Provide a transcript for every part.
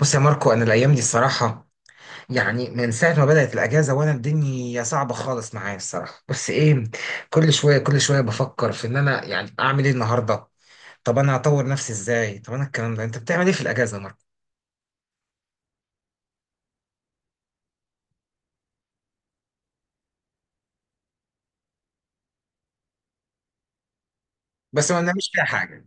بص يا ماركو، انا الايام دي الصراحه يعني من ساعه ما بدات الاجازه وانا الدنيا صعبه خالص معايا الصراحه. بس ايه، كل شويه كل شويه بفكر في ان انا يعني اعمل ايه النهارده؟ طب انا هطور نفسي ازاي؟ طب انا الكلام ده، انت بتعمل ايه في الاجازه يا ماركو؟ بس ما بنعملش فيها حاجه.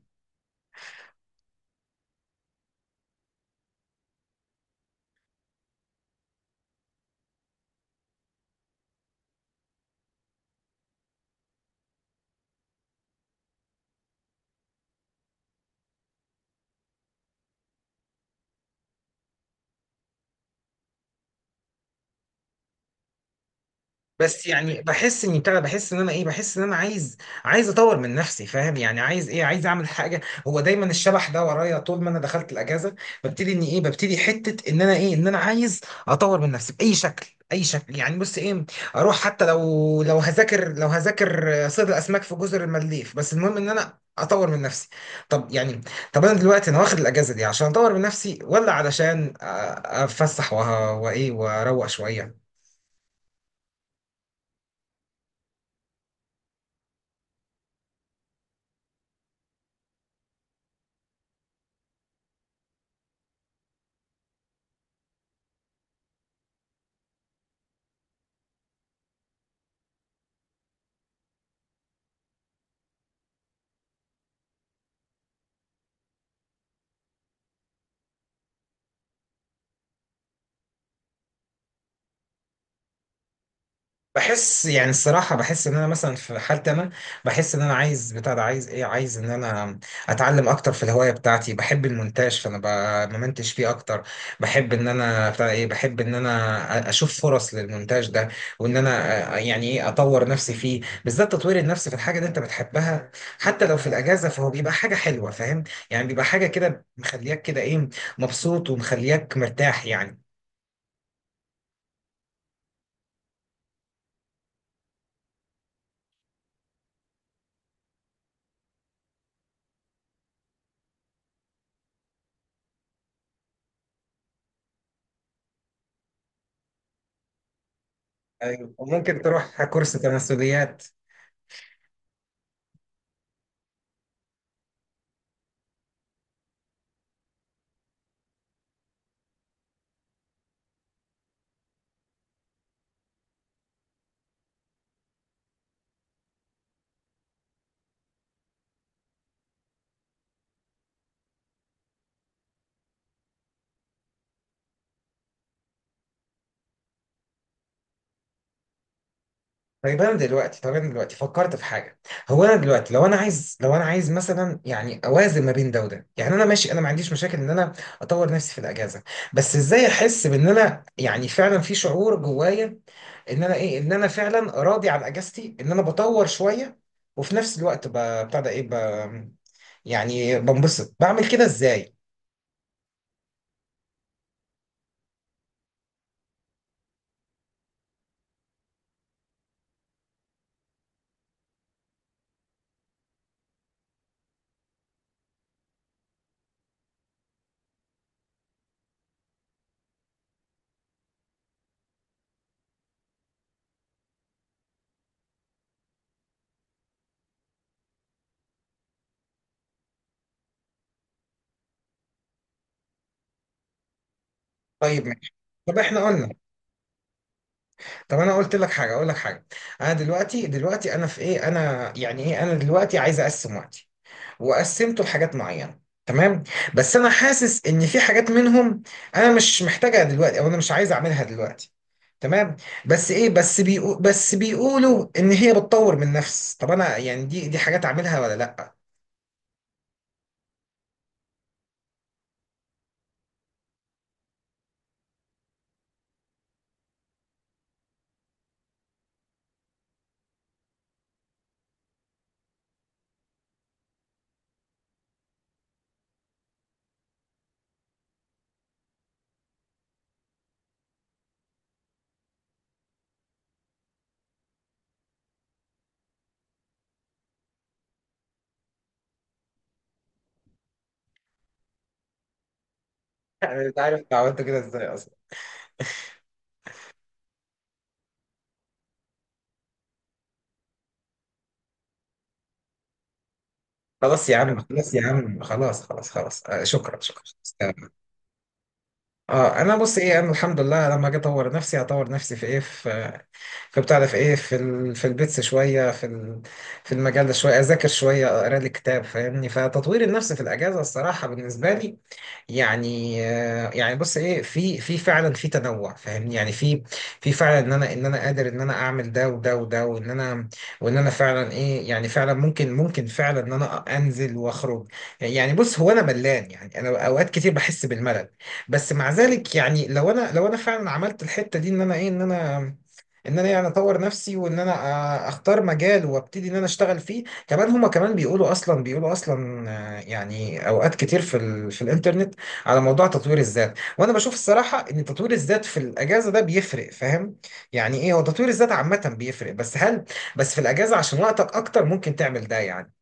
بس يعني بحس اني بتاع ده، بحس ان انا ايه، بحس ان انا عايز اطور من نفسي، فاهم؟ يعني عايز ايه؟ عايز اعمل حاجه. هو دايما الشبح ده ورايا طول ما انا دخلت الاجازه. ببتدي اني ايه، ببتدي حته ان انا ايه، ان انا عايز اطور من نفسي باي شكل، اي شكل. يعني بص ايه، اروح حتى لو هذاكر لو هذاكر صيد الاسماك في جزر المالديف، بس المهم ان انا اطور من نفسي. طب يعني طب انا دلوقتي واخد الاجازه دي عشان اطور من نفسي، ولا علشان اتفسح وايه، واروق شويه؟ بحس يعني الصراحة، بحس إن أنا مثلا في حالتي أنا، بحس إن أنا عايز بتاع ده، عايز إيه، عايز إن أنا أتعلم أكتر في الهواية بتاعتي. بحب المونتاج فأنا بمنتج فيه أكتر. بحب إن أنا بتاع إيه، بحب إن أنا أشوف فرص للمونتاج ده، وإن أنا يعني إيه، أطور نفسي فيه، بالذات تطوير النفس في الحاجة اللي أنت بتحبها حتى لو في الأجازة فهو بيبقى حاجة حلوة، فاهم؟ يعني بيبقى حاجة كده، مخلياك كده إيه، مبسوط، ومخلياك مرتاح يعني. أيوة، وممكن تروح كورس تناسليات. طيب، انا دلوقتي فكرت في حاجه. هو انا دلوقتي لو انا عايز مثلا يعني اوازن ما بين ده وده، يعني انا ماشي، انا ما عنديش مشاكل ان انا اطور نفسي في الاجازه. بس ازاي احس بان انا يعني فعلا في شعور جوايا ان انا ايه، ان انا فعلا راضي عن اجازتي، ان انا بطور شويه، وفي نفس الوقت بتاع ده ايه، يعني بنبسط، بعمل كده ازاي؟ طيب ماشي. طب احنا قلنا، طب انا قلت لك حاجه، اقول لك حاجه. انا دلوقتي، انا في ايه، انا يعني ايه، انا دلوقتي عايز اقسم وقتي، وقسمته لحاجات معينه، تمام. بس انا حاسس ان في حاجات منهم انا مش محتاجها دلوقتي، او انا مش عايز اعملها دلوقتي، تمام. بس ايه، بس بيقولوا ان هي بتطور من نفس، طب انا يعني دي حاجات اعملها ولا لا؟ يعني انت عارف أنت عملت كده ازاي اصلا؟ خلاص يا عم، خلاص يا عم، خلاص خلاص خلاص، آه شكرا، شكرا. اه انا بص ايه، انا الحمد لله لما اجي اطور نفسي، هطور نفسي في ايه، في، فبتعرف ايه، في البيتس شويه، في المجال ده شويه، اذاكر شويه، اقرا لي كتاب، فاهمني؟ فتطوير النفس في الاجازه الصراحه بالنسبه لي، يعني يعني بص ايه، في فعلا في تنوع، فاهمني؟ يعني في، فعلا ان انا، قادر ان انا اعمل ده وده وده، وان انا، فعلا ايه، يعني فعلا ممكن، فعلا ان انا انزل واخرج. يعني بص، هو انا ملان يعني، انا اوقات كتير بحس بالملل. بس مع ذلك يعني، لو انا، فعلا عملت الحتة دي، ان انا ايه، ان انا يعني اطور نفسي، وان انا اختار مجال وابتدي ان انا اشتغل فيه كمان. هما كمان بيقولوا اصلا، يعني اوقات كتير في الانترنت على موضوع تطوير الذات. وانا بشوف الصراحه ان تطوير الذات في الاجازه ده بيفرق، فاهم؟ يعني ايه هو تطوير الذات عامه بيفرق، بس هل في الاجازه عشان وقتك اكتر ممكن تعمل ده يعني؟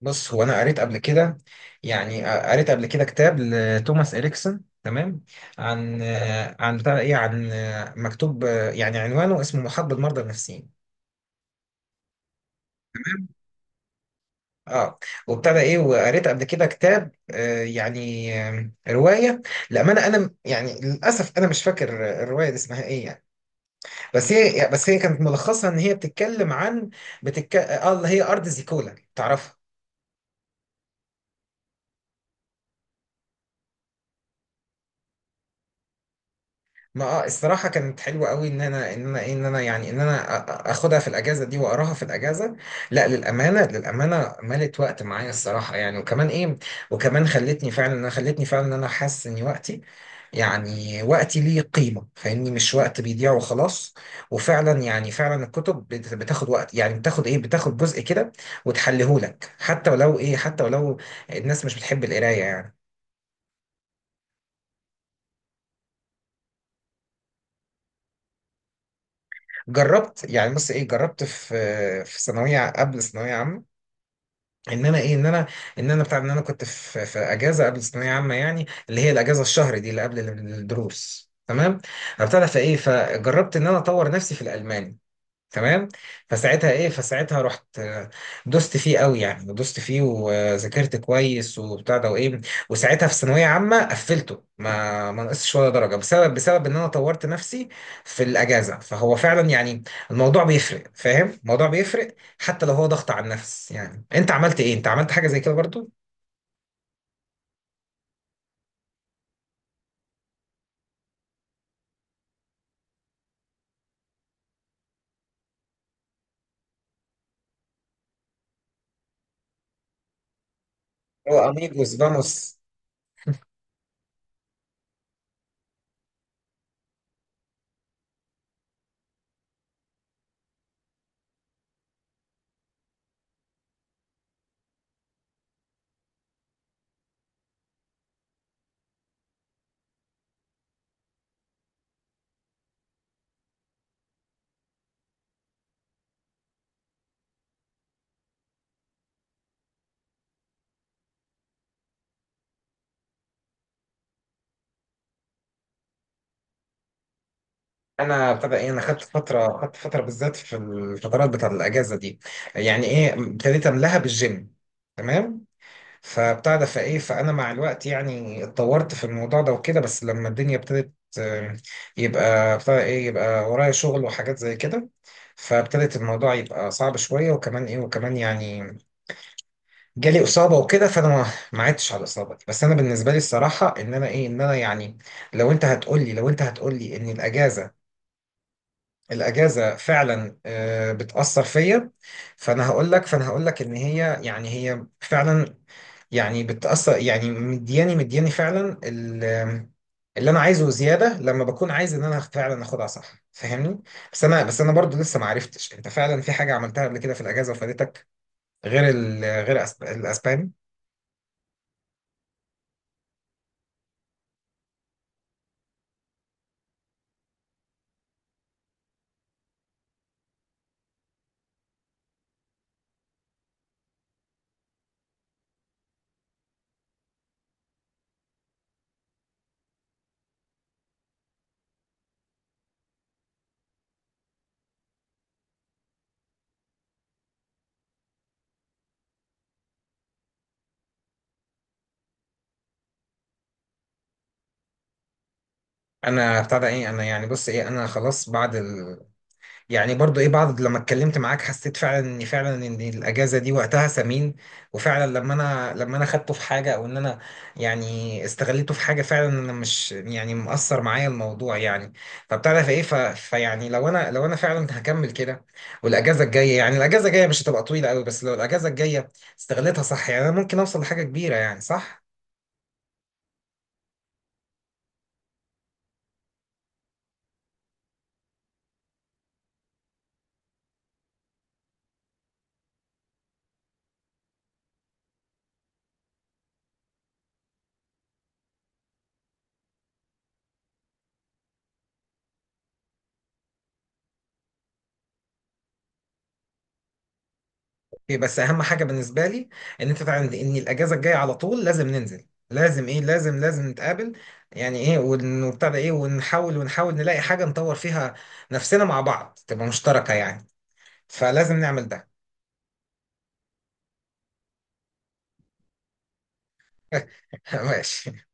بص هو انا قريت قبل كده، يعني قريت قبل كده كتاب لتوماس اريكسون، تمام. عن، بتاع ايه، عن، مكتوب يعني عنوانه، اسمه محاط بالمرضى النفسيين، تمام. اه، وابتدى ايه، وقريت قبل كده كتاب، يعني، روايه، للامانه انا يعني للاسف انا مش فاكر الروايه دي اسمها ايه يعني. بس هي، كانت ملخصها ان هي بتتكلم عن، اه اللي هي ارض زيكولا، تعرفها؟ ما الصراحه كانت حلوه قوي ان انا، إيه، ان انا يعني، ان انا اخدها في الاجازه دي واقراها في الاجازه. لا للامانه، للامانه ملت وقت معايا الصراحه يعني، وكمان ايه، وكمان خلتني فعلا ان انا حاسس ان وقتي، يعني وقتي ليه قيمه، فاهمني؟ مش وقت بيضيع وخلاص. وفعلا يعني فعلا الكتب بتاخد وقت، يعني بتاخد ايه، بتاخد جزء كده وتحلهولك، حتى ولو الناس مش بتحب القرايه يعني. جربت، يعني بص ايه، جربت في، ثانويه قبل ثانويه عامه، ان انا ايه، ان انا كنت في اجازه قبل الثانويه عامه، يعني اللي هي الاجازه الشهر دي اللي قبل الدروس، تمام. ابتدى فايه، فجربت ان انا اطور نفسي في الالماني، تمام. فساعتها رحت، دوست فيه قوي يعني دوست فيه، وذاكرت كويس، وبتاع ده وايه، وساعتها في ثانويه عامه قفلته، ما نقصش ولا درجه، بسبب ان انا طورت نفسي في الاجازه، فهو فعلا يعني الموضوع بيفرق، فاهم؟ الموضوع بيفرق حتى لو هو ضغط على النفس. يعني انت عملت ايه؟ انت عملت حاجه زي كده برضو؟ هو اميجوس فانوس. انا ابتدى ايه، انا خدت فتره، خدت فتره بالذات في الفترات بتاعت الاجازه دي، يعني ايه، ابتديت املاها بالجيم، تمام. فبتاع ده، فايه، فانا مع الوقت يعني اتطورت في الموضوع ده وكده. بس لما الدنيا ابتدت، آه، يبقى بتاع ايه، يبقى ورايا شغل وحاجات زي كده، فابتدت الموضوع يبقى صعب شويه، وكمان ايه، وكمان يعني جالي اصابه وكده، فانا ما عدتش على الاصابه دي. بس انا بالنسبه لي الصراحه ان انا ايه، ان انا يعني، لو انت هتقول لي ان الاجازه، فعلا بتاثر فيا، فانا هقول لك ان هي، يعني هي فعلا، يعني بتأثر، يعني مدياني مدياني فعلا اللي انا عايزه زياده، لما بكون عايز ان انا فعلا اخدها صح، فاهمني؟ بس انا برضو لسه ما عرفتش، انت فعلا في حاجه عملتها قبل كده في الاجازه وفادتك غير الاسباني؟ انا بتاع ده ايه، انا يعني بص ايه، انا خلاص بعد يعني برضو ايه بعض لما اتكلمت معاك، حسيت فعلا ان الاجازه دي وقتها ثمين، وفعلا لما انا خدته في حاجه، او ان انا يعني استغليته في حاجه، فعلا انا مش يعني مأثر معايا الموضوع يعني. فبتعرف ايه، فيعني لو انا فعلا هكمل كده، والاجازه الجايه، يعني الاجازه الجايه مش هتبقى طويله قوي، بس لو الاجازه الجايه استغلتها صح، يعني انا ممكن اوصل لحاجه كبيره يعني، صح؟ اوكي، بس اهم حاجه بالنسبه لي ان انت تعرف ان الاجازه الجايه على طول لازم ننزل، لازم ايه، لازم نتقابل، يعني ايه، وبتاع ايه، ونحاول نلاقي حاجه نطور فيها نفسنا مع بعض، تبقى مشتركه يعني. فلازم نعمل ده. ماشي.